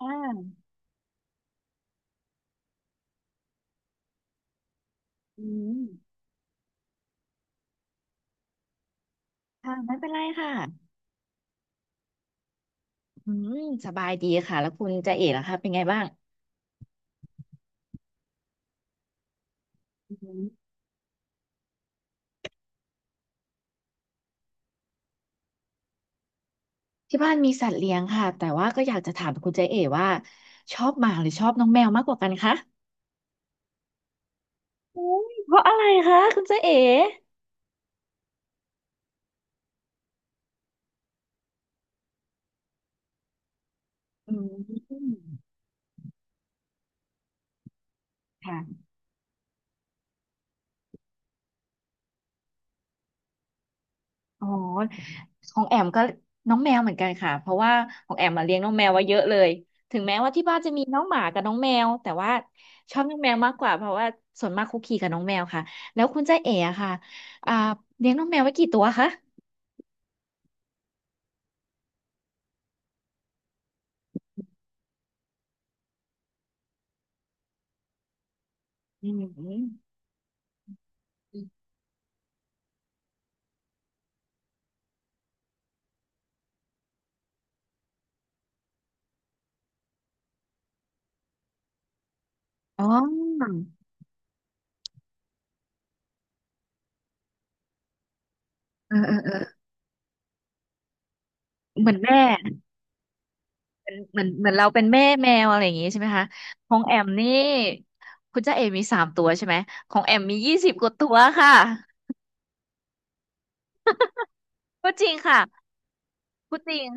อ่าอืมค่ะ ไม่เป็นไรค่ะอืมสบายดีค่ะ แล้วคุณเจเอ๋ล่ะคะเป็นไงบ้างอืมที่บ้านมีสัตว์เลี้ยงค่ะ แต่ว่าก็อยากจะถามคุณเจเอ๋ว่า ชอบหมาหรือชอบน้องแมวมากกว่ากันคะอุ๊ยเพราะอะไรคะคุณเจเอ๋อืมค่ะ อ๋อ ของแอมก็น้องแมวเหมือนกันค่ะเพราะว่าของแอมมาเลี้ยงน้องแมวไว้เยอะเลยถึงแม้ว่าที่บ้านจะมีน้องหมากับน้องแมวแต่ว่าชอบน้องแมวมากกว่าเพราะว่าส่วนมากคุกคีกับน้องแมวค่ะแล้วคุณจ้าเอ๋อะค่ะอ่าเลี้ยงน้องแมวไว้กี่ตัวคะอืมอ๋อเออเออเออเหมือนแม่เหมือนเราเป็นแม่แมวอะไรอย่างงี้ใช่ไหมคะของแอมนี่คุณจ้าเอ๋มีสามตัวใช่ไหมของแอมมียี่สิบกว่าตัวค่ะก็จริงค่ะก็จริง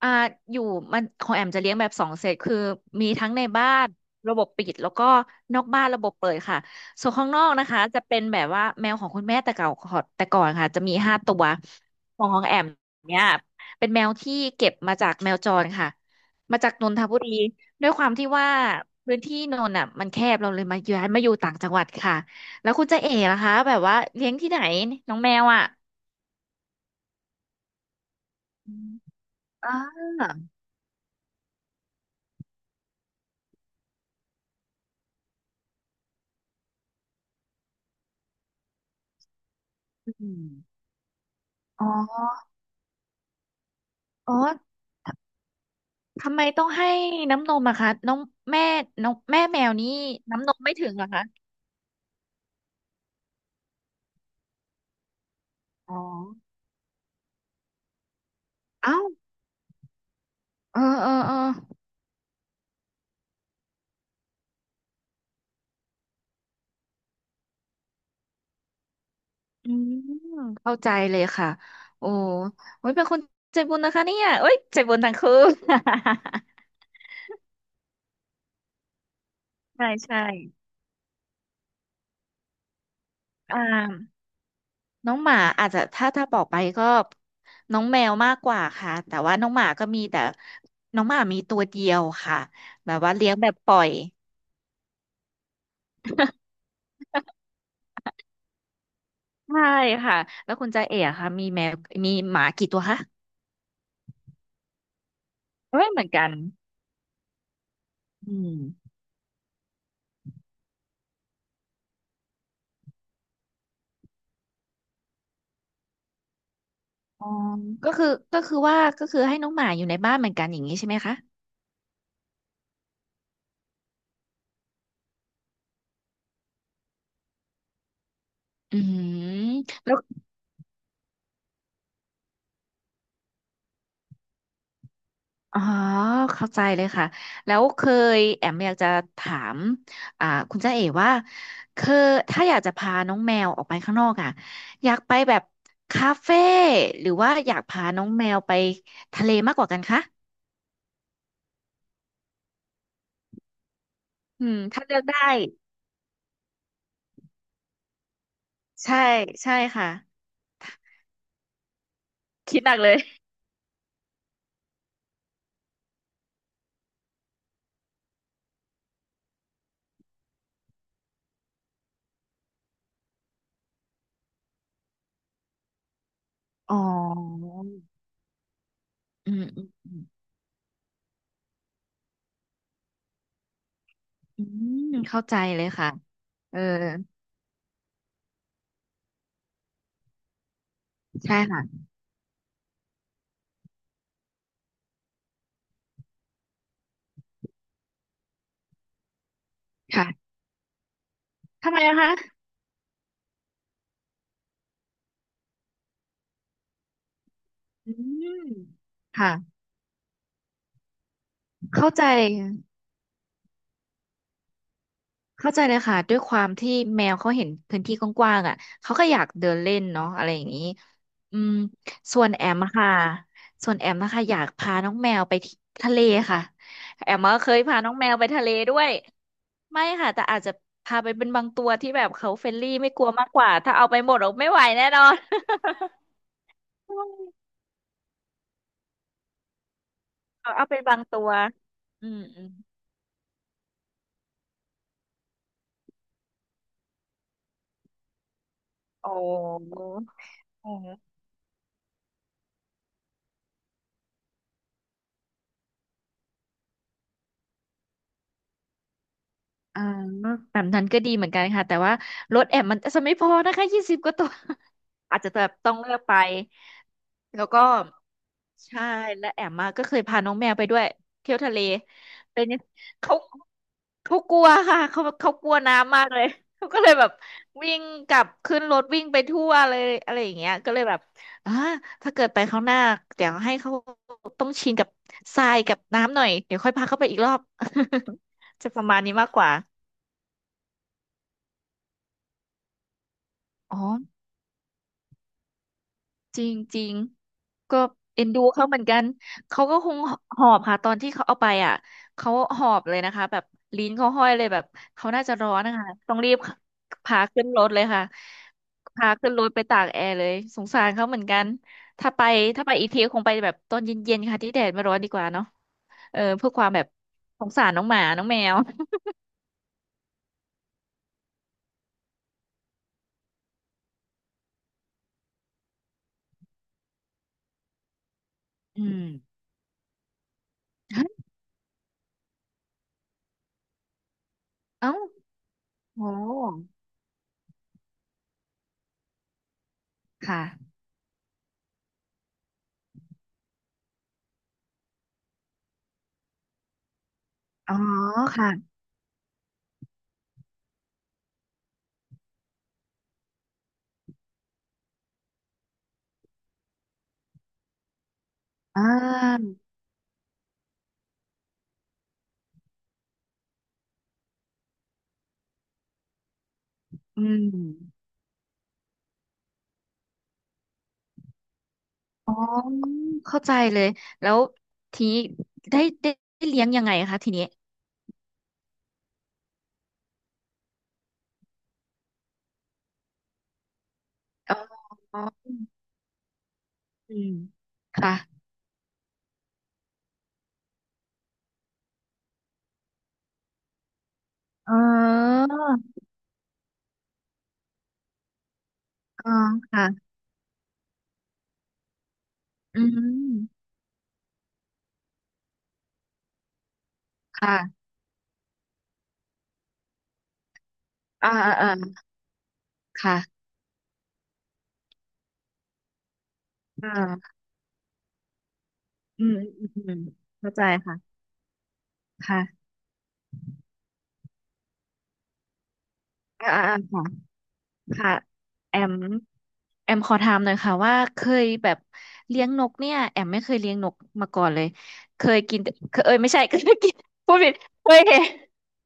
อ่าอยู่มันของแอมจะเลี้ยงแบบสองเซตคือมีทั้งในบ้านระบบปิดแล้วก็นอกบ้านระบบเปิดค่ะส่วนข้างนอกนะคะจะเป็นแบบว่าแมวของคุณแม่แต่เก่าขอแต่ก่อนค่ะจะมีห้าตัวของแอมเนี่ยเป็นแมวที่เก็บมาจากแมวจรค่ะมาจากนนทบุรีด้วยความที่ว่าพื้นที่นนท์อ่ะมันแคบเราเลยมาย้ายมาอยู่ต่างจังหวัดค่ะแล้วคุณจะเอ๋นะคะแบบว่าเลี้ยงที่ไหนน้องแมวอ่ะอมอ่าอืมอ๋อ อ๋อททำไมต้องให้น้ำนมอะคะน้องแม่น้องแม่แมวนี้น้ำนมไม่ถึงเหรอคะอ๋อเอ้าเออเออเอออืมเข้าใจเลยค่ะโอ้โอ้ยเป็นคนใจบุญนะคะเนี่ยเอ้ยใจบุญทั้งคู่ ใช่ใช่อ่าน้องหมาอาจจะถ้าบอกไปก็น้องแมวมากกว่าค่ะแต่ว่าน้องหมาก็มีแต่น้องหมามีตัวเดียวค่ะแบบว่าเลี้ยงแบบปล่อย ใช่ค่ะแล้วคุณจ่าเอ๋อะค่ะมีแมวมีหมากี่ตัวคะไม่ยเหมือนกันอืมอ๋อก็คือก็คือว่าก็คือให้น้องหมาอยู่ในบ้านเหมือนกันอย่างนี้ใช่ไหมคะอืมแล้วอ๋อเข้าใจเลยค่ะแล้วเคยแอมอยากจะถามอ่าคุณจ่าเอ๋ว่าเคยถ้าอยากจะพาน้องแมวออกไปข้างนอกอ่ะอยากไปแบบคาเฟ่หรือว่าอยากพาน้องแมวไปทะเลมากกว่ากันคะอืมถ้าเลือกได้ใช่ใช่ค่ะ คิดหนักเลยอ๋ออืมอืมอืมอืมเข้าใจเลยค่ะเออใช่ค่ะค่ะทำไมนะคะอืมค่ะเข้าใจเข้าใจเลยค่ะด้วยความที่แมวเขาเห็นพื้นที่กว้างๆอ่ะเขาก็อยากเดินเล่นเนาะอะไรอย่างนี้อืมส่วนแอมอะค่ะส่วนแอมนะคะอยากพาน้องแมวไปที่ทะเลค่ะแอมก็เคยพาน้องแมวไปทะเลด้วย ไม่ค่ะแต่อาจจะพาไปเป็นบางตัวที่แบบเขาเฟรนลี่ไม่กลัวมากกว่าถ้าเอาไปหมดเราไม่ไหวแน่นอน เอาไปบางตัวอืมอืมโอ้อ๋ออ่าแบบนั้นก็ดีเหมือนกันค่ะแต่ว่ารถแอมมันจะไม่พอนะคะยี่สิบกว่าตัวอาจจะแบบต้องเลือกไปแล้วก็ ใช่และแอมมาก็เคยพาน้องแมวไปด้วยเที่ยวทะเลเป็นยังเขาเขากลัวค่ะเขากลัวน้ำมากเลยเขาก็เลยแบบวิ่งกลับขึ้นรถวิ่งไปทั่วเลยอะไรอย่างเงี้ยก็เลยแบบอ่าถ้าเกิดไปครั้งหน้าเดี๋ยวให้เขาต้องชินกับทรายกับน้ำหน่อยเดี๋ยวค่อยพาเขาไปอีกรอบ จะประมาณนี้มากกว่าอ๋อ จริงจริงก็เอ็นดูเขาเหมือนกันเขาก็คงหอบค่ะตอนที่เขาเอาไปอ่ะเขาหอบเลยนะคะแบบลิ้นเขาห้อยเลยแบบเขาน่าจะร้อนนะคะต้องรีบพาขึ้นรถเลยค่ะพาขึ้นรถไปตากแอร์เลยสงสารเขาเหมือนกันถ้าไปถ้าไปอีกทีคงไปแบบตอนเย็นๆค่ะที่แดดไม่ร้อนดีกว่าเนาะเออเพื่อความแบบสงสารน้องหมาน้องแมวอืมฮะเอ้าโหค่ะอ๋อค่ะอ่าอืม อ๋อเข้าใจเลยแล้วทีนี้ได้ได้ได้เลี้ยงยังไงคะทีนี้อ๋ออืมค่ะอ๋ออ๋อค่ะอืมค่ะอ่าอ่าอ่าค่ะอ่าอืมอืมอืมเข้าใจค่ะค่ะอ่าอ่าค่ะ ค่ะแอมแอมขอถามหน่อยค่ะว่าเคยแบบเลี้ยงนกเนี่ยแอมไม่เคยเลี้ยงนกมาก่อนเลยเคยกินแต่เคยเอ้ยไม่ใช่ เคยกินพูดผิดเคยเห็น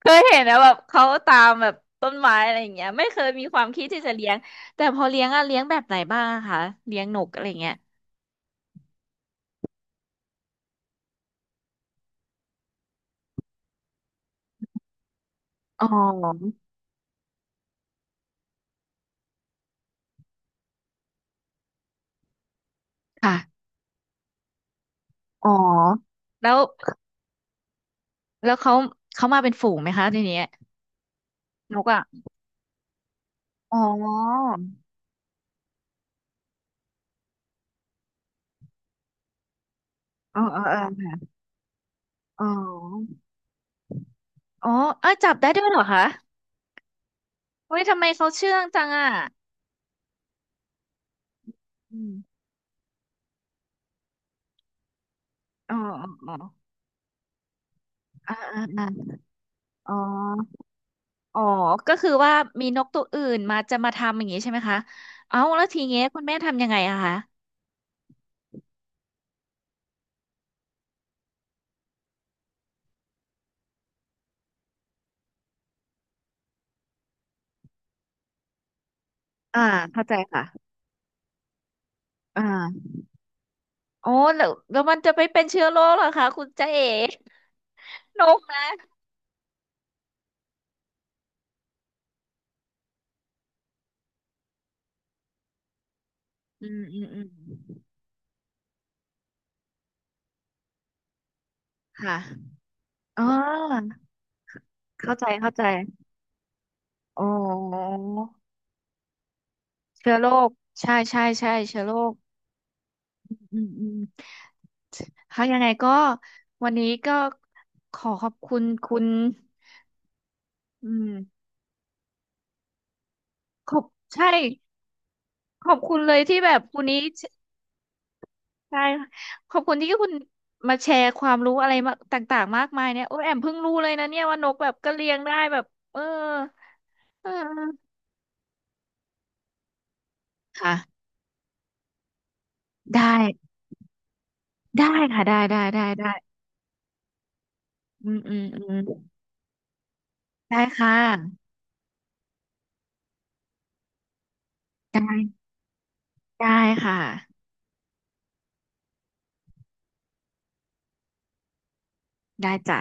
เคยเห็นนะแบบเขาตามแบบต้นไม้อะไรอย่างเงี้ยไม่เคยมีความคิดที่จะเลี้ยงแต่พอเลี้ยงอะเลี้ยงแบบไหนบ้างอะคะเลี้ยงนกอะไร่าเงี้ยอ๋อค่ะอ๋อแล้วแล้วเขามาเป็นฝูงไหมคะทีเนี้ยนกอะอ๋ออ๋ออ๋ออ๋ออ๋ออ๋อเอ้ยจับได้ด้วยเหรอคะ เฮ้ยทำไมเขาเชื่องจังอ่ะอืมอ๋ออ๋ออ่าอ่าอ่าอ๋ออ๋อ ก็คือว่ามีนกตัวอื่นมาจะมาทำอย่างนี้ใช่ไหมคะ เอ้าแล้วทีเงี้ยคุณแม่ทำยังไงอะคะออ่าเข้าใจค่ะอ่าโอ้แล้วมันจะไปเป็นเชื้อโรคเหรอคะคุณจ๊ะเอ๋นกนะอืมอืมอืมค่ะอ๋อ เข้าใจเข้าใจอ๋อเชื้อโรคใช่ใช่ใช่เชื้อโรค อืมอืมค่ะยังไงก็วันนี้ก็ขอขอบคุณคุณอืมขอบใช่ขอบคุณเลยที่แบบคุณนี้ใช่ขอบคุณที่คุณมาแชร์ความรู้อะไรมาต่างๆมากมายเนี่ยโอ้ยแอมเพิ่งรู้เลยนะเนี่ยว่านกแบบก็เลี้ยงได้แบบเออเออค่ะได้ได้ค่ะได้ได้ได้ได้อืมอืมอืมได้ค่ะได้ค่ะได้จ้ะ